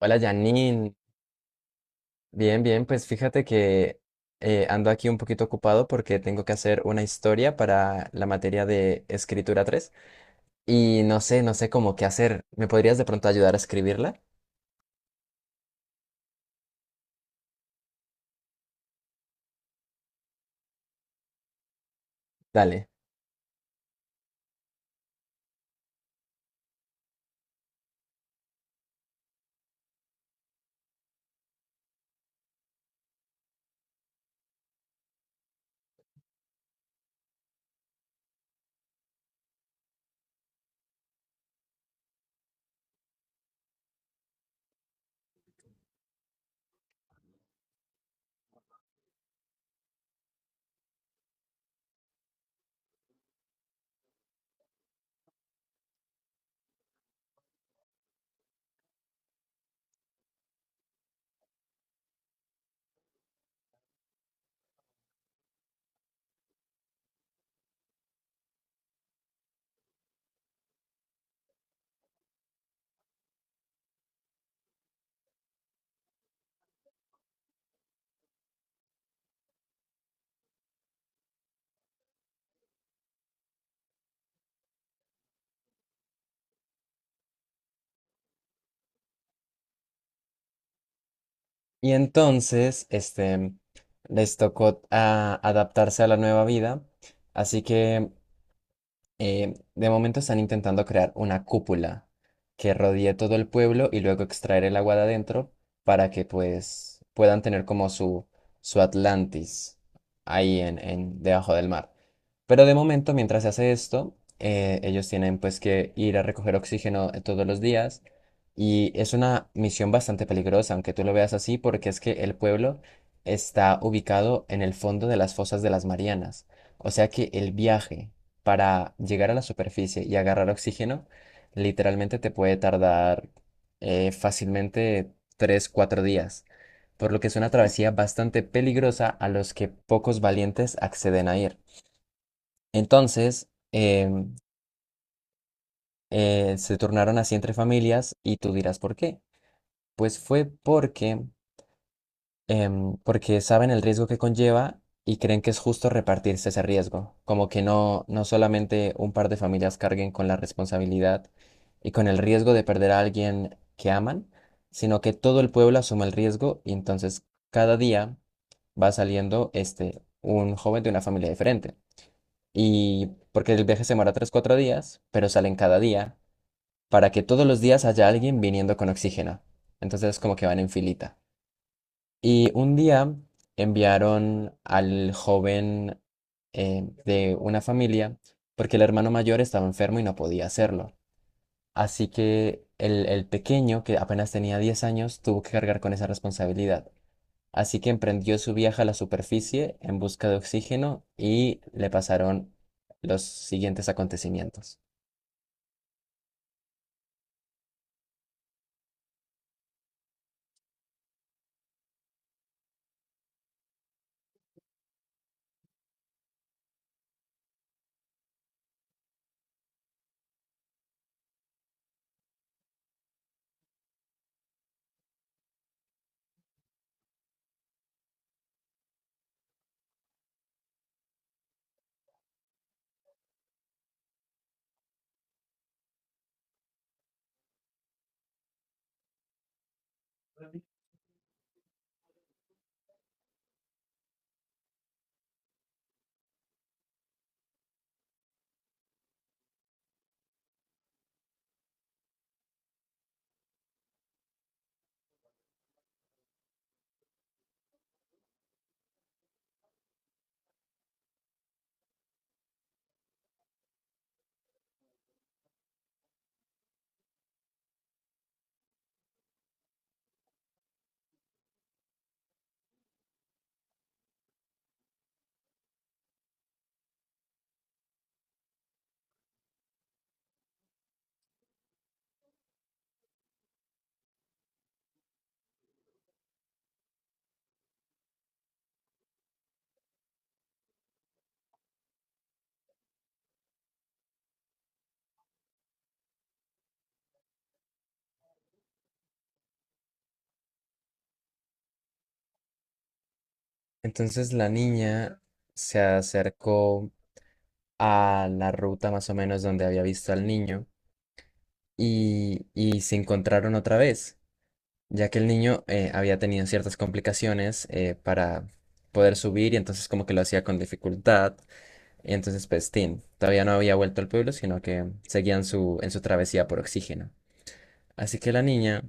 Hola Janine, bien, bien, pues fíjate que ando aquí un poquito ocupado porque tengo que hacer una historia para la materia de escritura 3 y no sé cómo qué hacer. ¿Me podrías de pronto ayudar a escribirla? Dale. Y entonces, les tocó adaptarse a la nueva vida, así que de momento están intentando crear una cúpula que rodee todo el pueblo y luego extraer el agua de adentro para que pues puedan tener como su Atlantis ahí en debajo del mar. Pero de momento, mientras se hace esto, ellos tienen pues que ir a recoger oxígeno todos los días y es una misión bastante peligrosa, aunque tú lo veas así, porque es que el pueblo está ubicado en el fondo de las fosas de las Marianas. O sea que el viaje para llegar a la superficie y agarrar oxígeno, literalmente te puede tardar fácilmente 3 4 días, por lo que es una travesía bastante peligrosa a los que pocos valientes acceden a ir. Entonces, se tornaron así entre familias y tú dirás, ¿por qué? Pues fue porque porque saben el riesgo que conlleva y creen que es justo repartirse ese riesgo, como que no, no solamente un par de familias carguen con la responsabilidad y con el riesgo de perder a alguien que aman, sino que todo el pueblo asuma el riesgo y entonces cada día va saliendo este, un joven de una familia diferente. Y porque el viaje se demora 3, 4 días, pero salen cada día para que todos los días haya alguien viniendo con oxígeno. Entonces como que van en filita. Y un día enviaron al joven de una familia porque el hermano mayor estaba enfermo y no podía hacerlo. Así que el pequeño, que apenas tenía 10 años, tuvo que cargar con esa responsabilidad. Así que emprendió su viaje a la superficie en busca de oxígeno y le pasaron los siguientes acontecimientos. Entonces la niña se acercó a la ruta más o menos donde había visto al niño y se encontraron otra vez, ya que el niño había tenido ciertas complicaciones para poder subir y entonces como que lo hacía con dificultad. Y entonces pues Tim todavía no había vuelto al pueblo, sino que seguían en su travesía por oxígeno. Así que la niña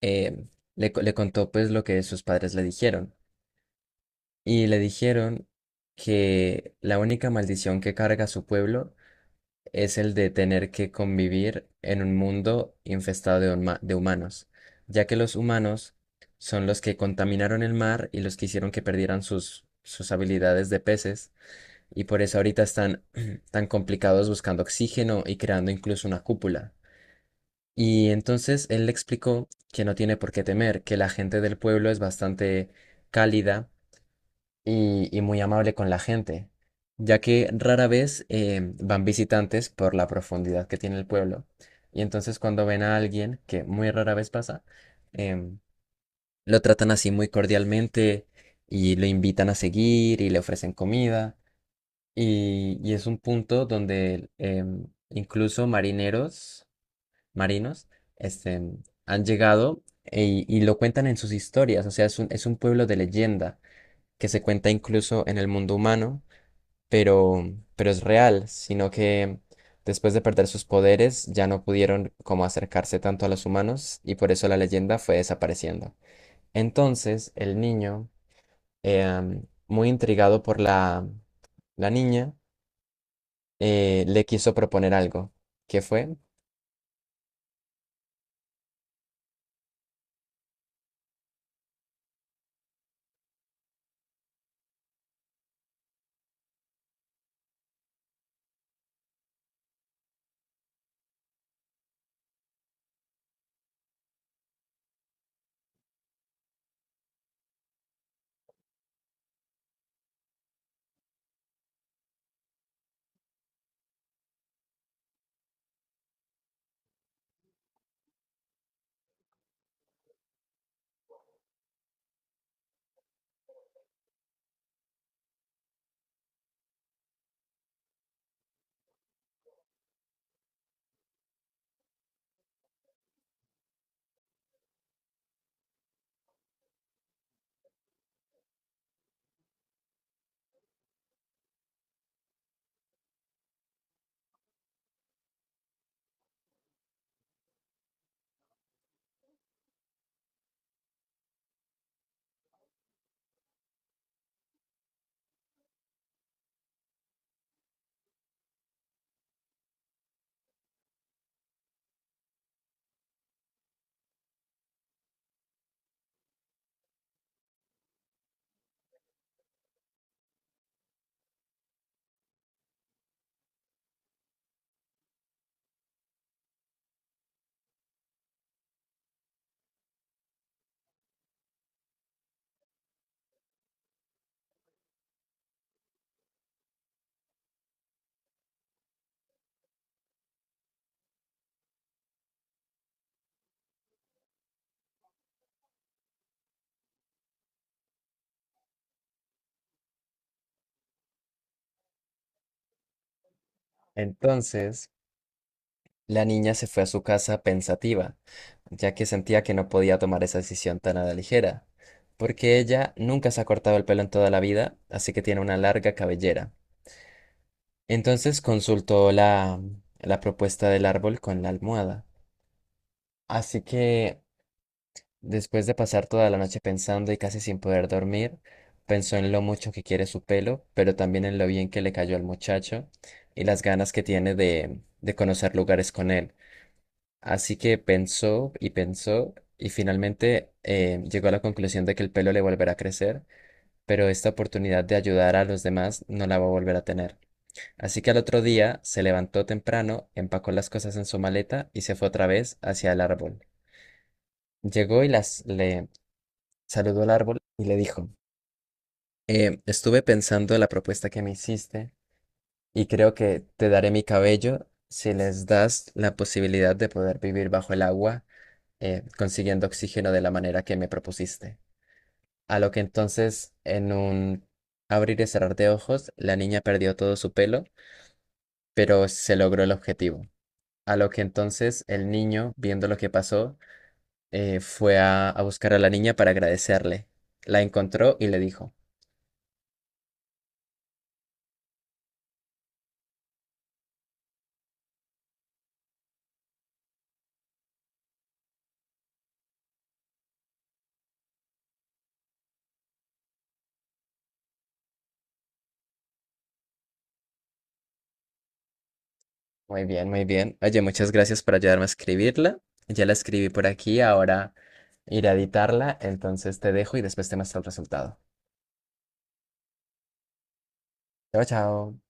eh, le contó pues lo que sus padres le dijeron. Y le dijeron que la única maldición que carga su pueblo es el de tener que convivir en un mundo infestado de humanos, ya que los humanos son los que contaminaron el mar y los que hicieron que perdieran sus habilidades de peces, y por eso ahorita están tan complicados buscando oxígeno y creando incluso una cúpula. Y entonces él le explicó que no tiene por qué temer, que la gente del pueblo es bastante cálida y muy amable con la gente, ya que rara vez van visitantes por la profundidad que tiene el pueblo. Y entonces cuando ven a alguien, que muy rara vez pasa, em, lo tratan así muy cordialmente y lo invitan a seguir y le ofrecen comida. Y es un punto donde incluso marineros, marinos, este, han llegado y lo cuentan en sus historias. O sea, es es un pueblo de leyenda que se cuenta incluso en el mundo humano pero, pero es real, sino que después de perder sus poderes ya no pudieron como acercarse tanto a los humanos y por eso la leyenda fue desapareciendo. Entonces el niño, muy intrigado por la niña, le quiso proponer algo. ¿Qué fue? Entonces la niña se fue a su casa pensativa, ya que sentía que no podía tomar esa decisión tan a la ligera. Porque ella nunca se ha cortado el pelo en toda la vida, así que tiene una larga cabellera. Entonces consultó la propuesta del árbol con la almohada. Así que, después de pasar toda la noche pensando y casi sin poder dormir, pensó en lo mucho que quiere su pelo, pero también en lo bien que le cayó al muchacho y las ganas que tiene de conocer lugares con él. Así que pensó y pensó y finalmente llegó a la conclusión de que el pelo le volverá a crecer, pero esta oportunidad de ayudar a los demás no la va a volver a tener. Así que al otro día se levantó temprano, empacó las cosas en su maleta y se fue otra vez hacia el árbol. Llegó y las le saludó al árbol y le dijo, estuve pensando en la propuesta que me hiciste y creo que te daré mi cabello si les das la posibilidad de poder vivir bajo el agua, consiguiendo oxígeno de la manera que me propusiste." A lo que entonces, en un abrir y cerrar de ojos, la niña perdió todo su pelo, pero se logró el objetivo. A lo que entonces el niño, viendo lo que pasó, a buscar a la niña para agradecerle. La encontró y le dijo, muy bien, muy bien. Oye, muchas gracias por ayudarme a escribirla. Ya la escribí por aquí, ahora iré a editarla, entonces te dejo y después te muestro el resultado. Chao, chao.